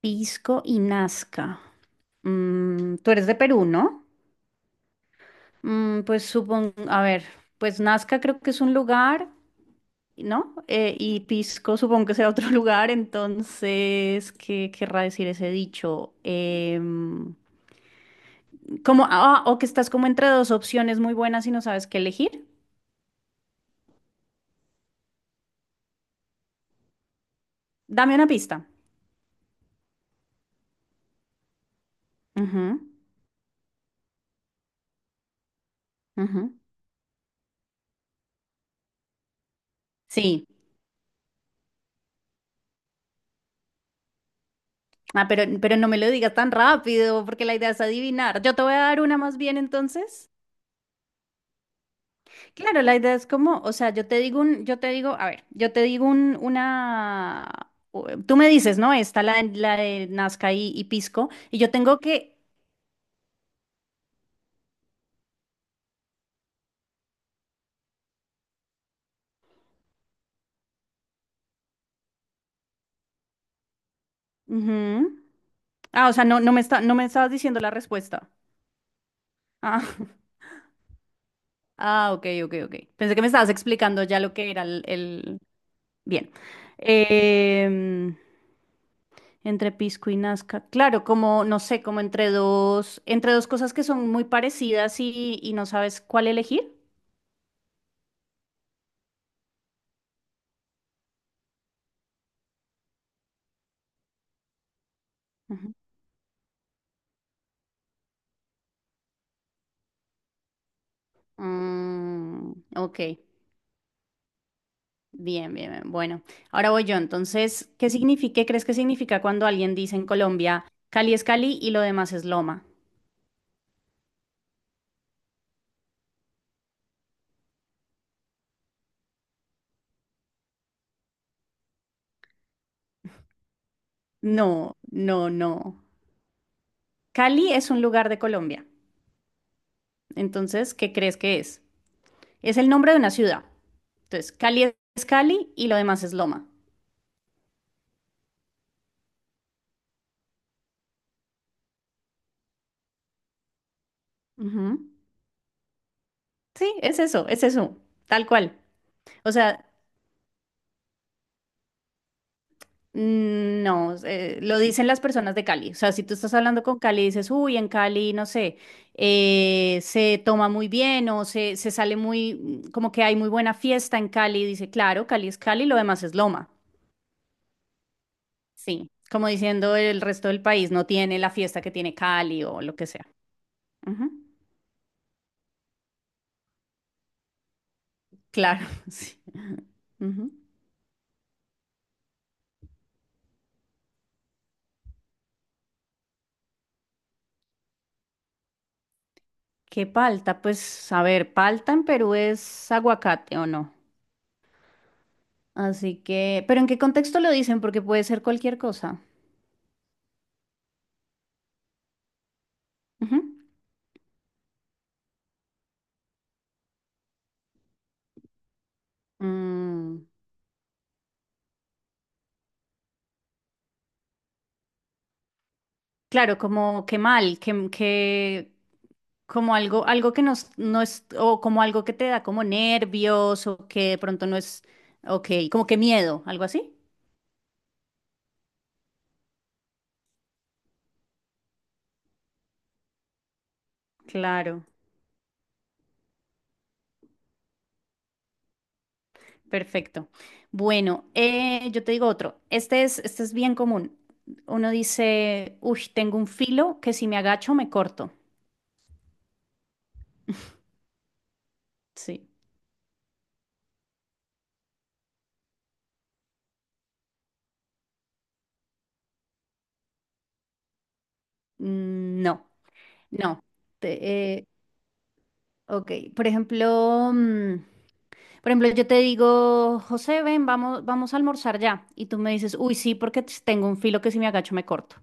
Pisco y Nazca. Mm, tú eres de Perú, ¿no? Mm, pues supongo, a ver, pues Nazca creo que es un lugar, ¿no? Y Pisco supongo que será otro lugar, entonces, ¿qué querrá decir ese dicho? Como, ah, o que estás como entre dos opciones muy buenas y no sabes qué elegir. Dame una pista. Ujú, ujú. Sí. Ah, pero no me lo digas tan rápido, porque la idea es adivinar. Yo te voy a dar una más bien entonces. Claro, la idea es como, o sea, yo te digo, a ver, yo te digo un, una, o- tú me dices, ¿no? Está la de Nazca y Pisco, y yo tengo que, ujú. Ah, o sea, no, no me estabas diciendo la respuesta. Ah, ah, ok, ok, ok. Pensé que me estabas explicando ya lo que era el- bien. Em, Entre Pisco y Nazca, claro, como, no sé, como entre dos cosas que son muy parecidas y no sabes cuál elegir. Mm, ok, bien, bien, bien. Bueno, ahora voy yo. Entonces, ¿qué significa, qué crees que significa cuando alguien dice en Colombia, Cali es Cali y lo demás es Loma? No, no, no. Cali es un lugar de Colombia. Entonces, ¿qué crees que es? Es el nombre de una ciudad. Entonces, Cali es Cali y lo demás es Loma. Ujú. Sí, es eso, tal cual. O sea, mm, no, lo dicen las personas de Cali. O sea, si tú estás hablando con Cali y dices, uy, en Cali, no sé, se toma muy bien o se sale muy, mm, como que hay muy buena fiesta en Cali, dice, claro, Cali es Cali, lo demás es Loma. Sí, como diciendo el resto del país no tiene la fiesta que tiene Cali o lo que sea. Ujú, claro, sí. Ujú. ¿Qué palta? Pues, a ver, palta en Perú es aguacate o no. Así que, pero ¿en qué contexto lo dicen? Porque puede ser cualquier cosa. Ujú. Mm, claro, como que mal, que como algo, algo que nos, no es, o como algo que te da como nervios, o que de pronto no es, ok, como que miedo, algo así. Claro, perfecto. Bueno, yo te digo otro. Este es bien común. Uno dice, uy, tengo un filo que si me agacho me corto. Sí. Mm, no, no. Ok, por ejemplo, mm, por ejemplo, yo te digo, José, ven, vamos, vamos a almorzar ya. Y tú me dices, uy, sí, porque t- tengo un filo que si me agacho me corto.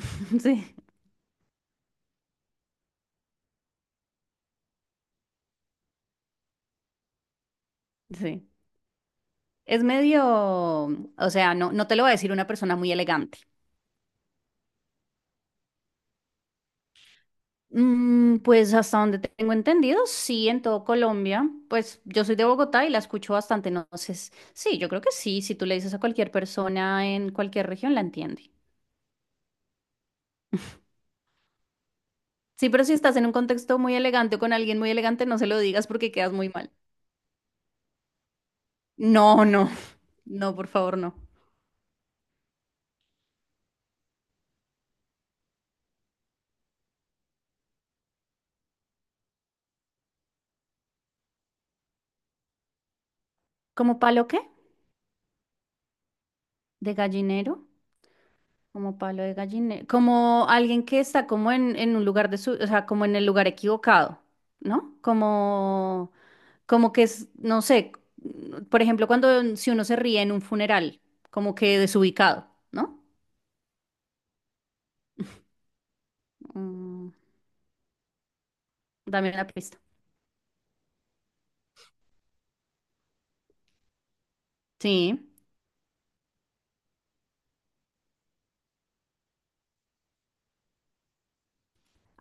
Sí, sí. Es medio, o sea, no, no te lo va a decir una persona muy elegante. Mm, pues hasta donde tengo entendido, sí, en todo Colombia. Pues yo soy de Bogotá y la escucho bastante, entonces, sí, yo creo que sí, si tú le dices a cualquier persona en cualquier región, la entiende. Sí, pero si estás en un contexto muy elegante o con alguien muy elegante, no se lo digas porque quedas muy mal. No, no. No, por favor, no. ¿Como palo qué? ¿De gallinero? Como palo de gallinero. Como alguien que está como en un lugar de su, o sea, como en el lugar equivocado, ¿no? Como, como que es, no sé, por ejemplo, cuando si uno se ríe en un funeral, como que desubicado, ¿no? Mm, dame una pista. Sí.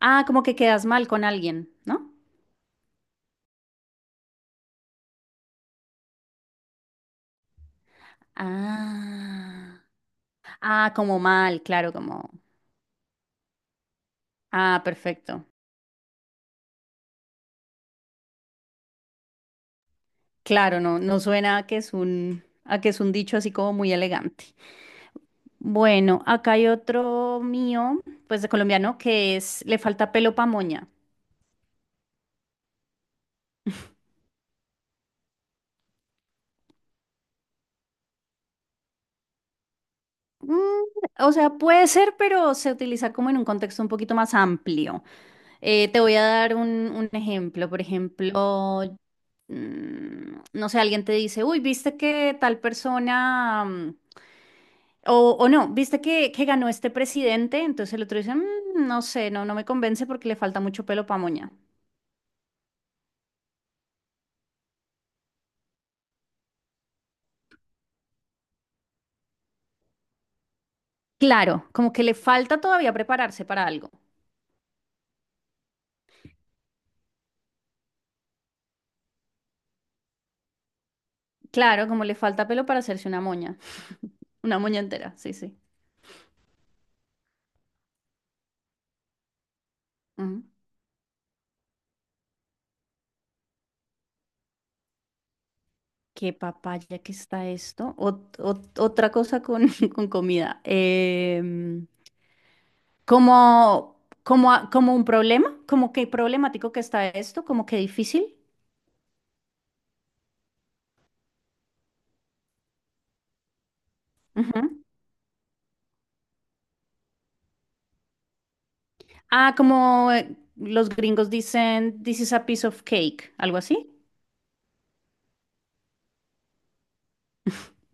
Ah, como que quedas mal con alguien, ¿no? Ah. Ah, como mal, claro, como. Ah, perfecto. Claro, no, no suena a que es un, a que es un dicho así como muy elegante. Bueno, acá hay otro mío, pues de colombiano, que es le falta pelo pa' moña. Mm, o sea, puede ser, pero se utiliza como en un contexto un poquito más amplio. Te voy a dar un ejemplo. Por ejemplo, mm, no sé, alguien te dice, uy, viste que tal persona. Mm, O, o no, viste que ganó este presidente, entonces el otro dice, "Mm, no sé, no, no me convence porque le falta mucho pelo para moña. Claro, como que le falta todavía prepararse para algo. Claro, como le falta pelo para hacerse una moña. Una moña entera, sí, sí. Ujú. Qué papaya que está esto. Ot- ot- otra cosa con, con comida. Como, como, a- como un problema, como que problemático que está esto, como que difícil. Ujú. Ah, como los gringos dicen, this is a piece of cake, algo así.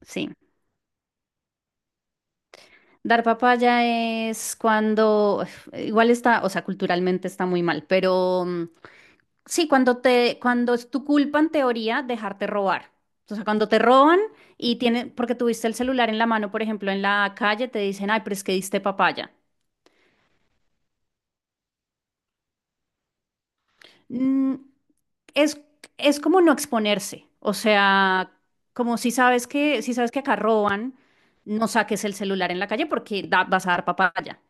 Sí. Dar papaya es cuando, igual está, o sea, culturalmente está muy mal, pero mm, sí, cuando te, cuando es tu culpa en teoría dejarte robar. O sea, cuando te roban y tienen, porque tuviste el celular en la mano, por ejemplo, en la calle, te dicen, ay, pero es que diste papaya. Mm, es, es como no exponerse, o sea, como si sabes que, si sabes que acá roban, no saques el celular en la calle porque da- vas a dar papaya.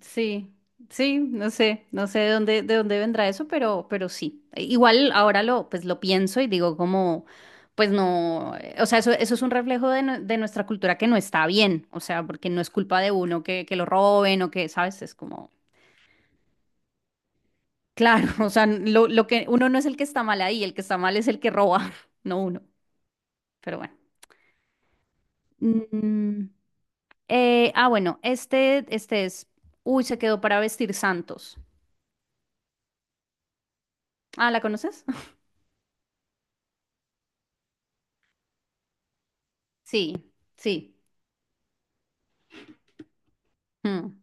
Sí, sí, no sé, no sé de dónde vendrá eso, pero sí. Igual ahora lo, pues lo pienso y digo como, pues no, o sea, eso es un reflejo de, nue- de nuestra cultura que no está bien, o sea, porque no es culpa de uno que lo roben o que, ¿sabes? Es como... Claro, o sea, lo que uno no es el que está mal ahí, el que está mal es el que roba, no uno. Pero bueno. Mm, ah, bueno, este es. Uy, se quedó para vestir santos. Ah, ¿la conoces? Sí, sí. Mm,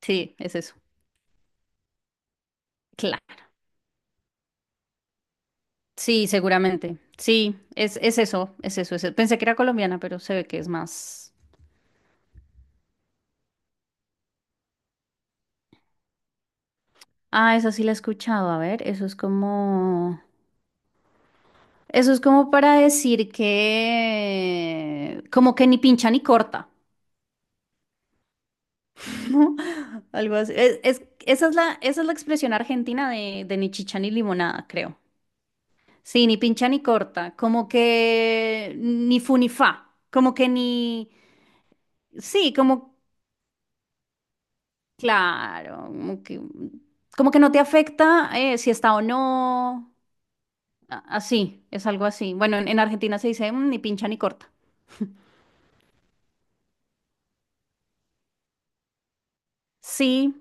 sí, es eso. Claro. Sí, seguramente. Sí, es eso, es eso, es eso. Pensé que era colombiana, pero se ve que es más. Ah, esa sí la he escuchado. A ver, eso es como. Eso es como para decir que. Como que ni pincha ni corta. Algo así. Es- esa es la expresión argentina de ni chicha ni limonada, creo. Sí, ni pincha ni corta, como que ni fu ni fa, como que ni... Sí, como, claro, como que no te afecta si está o no, a- así, es algo así. Bueno, en Argentina se dice "Mm, ni pincha ni corta. Sí,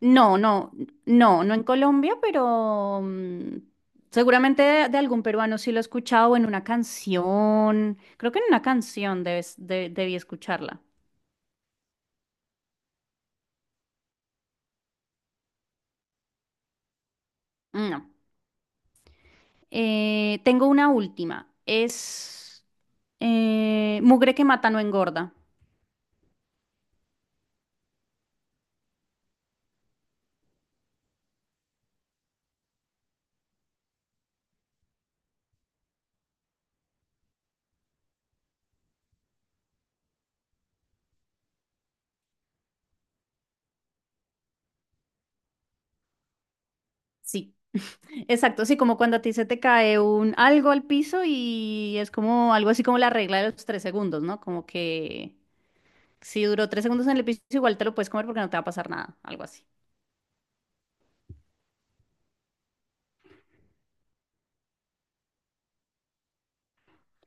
no, no, no, no en Colombia, pero mm, seguramente de algún peruano sí lo he escuchado o en una canción. Creo que en una canción debes, de- debí escucharla. No. Tengo una última. Es mugre que mata no engorda. Sí, exacto. Sí, como cuando a ti se te cae un algo al piso y es como algo así como la regla de los 3 segundos, ¿no? Como que si duró 3 segundos en el piso, igual te lo puedes comer porque no te va a pasar nada, algo así.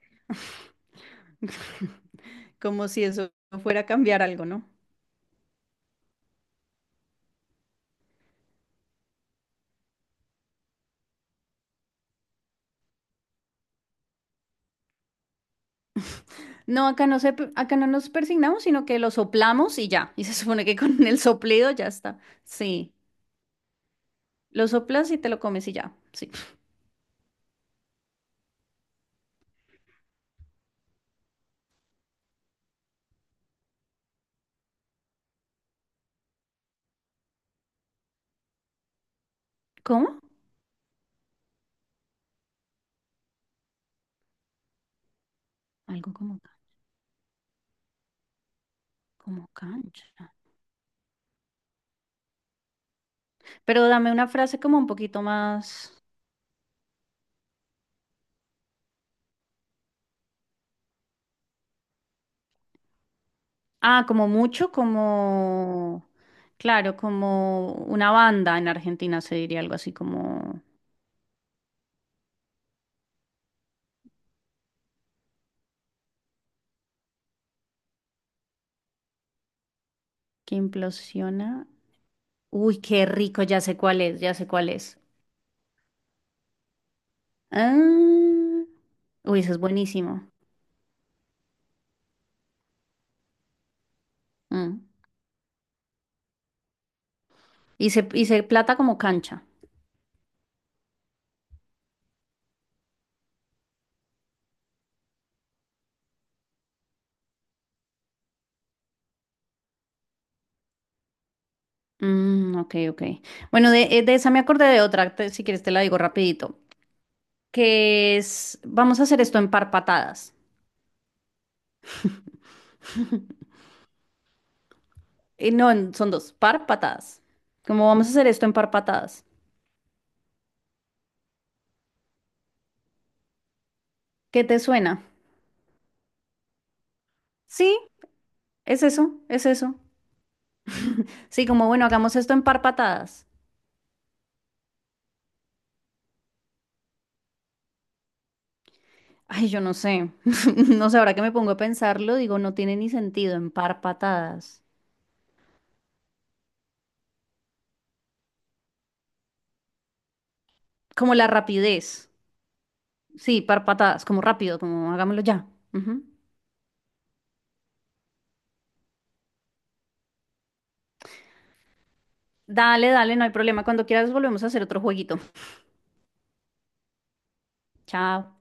Como si eso fuera a cambiar algo, ¿no? No, acá no se, acá no nos persignamos, sino que lo soplamos y ya. Y se supone que con el soplido ya está. Sí, lo soplas y te lo comes y ya. Sí. ¿Cómo? Algo como, como cancha. Pero dame una frase como un poquito más. Ah, como mucho, como. Claro, como una banda en Argentina se diría algo así como. Que implosiona. Uy, qué rico, ya sé cuál es, ya sé cuál es. Ah, uy, eso es buenísimo. Mm. Y se plata como cancha. Mm, ok, ok. Bueno, de esa me acordé de otra, te- si quieres te la digo rapidito, que es, vamos a hacer esto en par patadas. No, en- son dos, par patadas. ¿Cómo vamos a hacer esto en par patadas? ¿Qué te suena? Sí, es eso, es eso. Sí, como bueno, hagamos esto en par patadas. Ay, yo no sé. No sé, ahora que me pongo a pensarlo, digo, no tiene ni sentido en par patadas. Como la rapidez. Sí, par patadas, como rápido, como hagámoslo ya. Ujú. Dale, dale, no hay problema. Cuando quieras volvemos a hacer otro jueguito. Chao.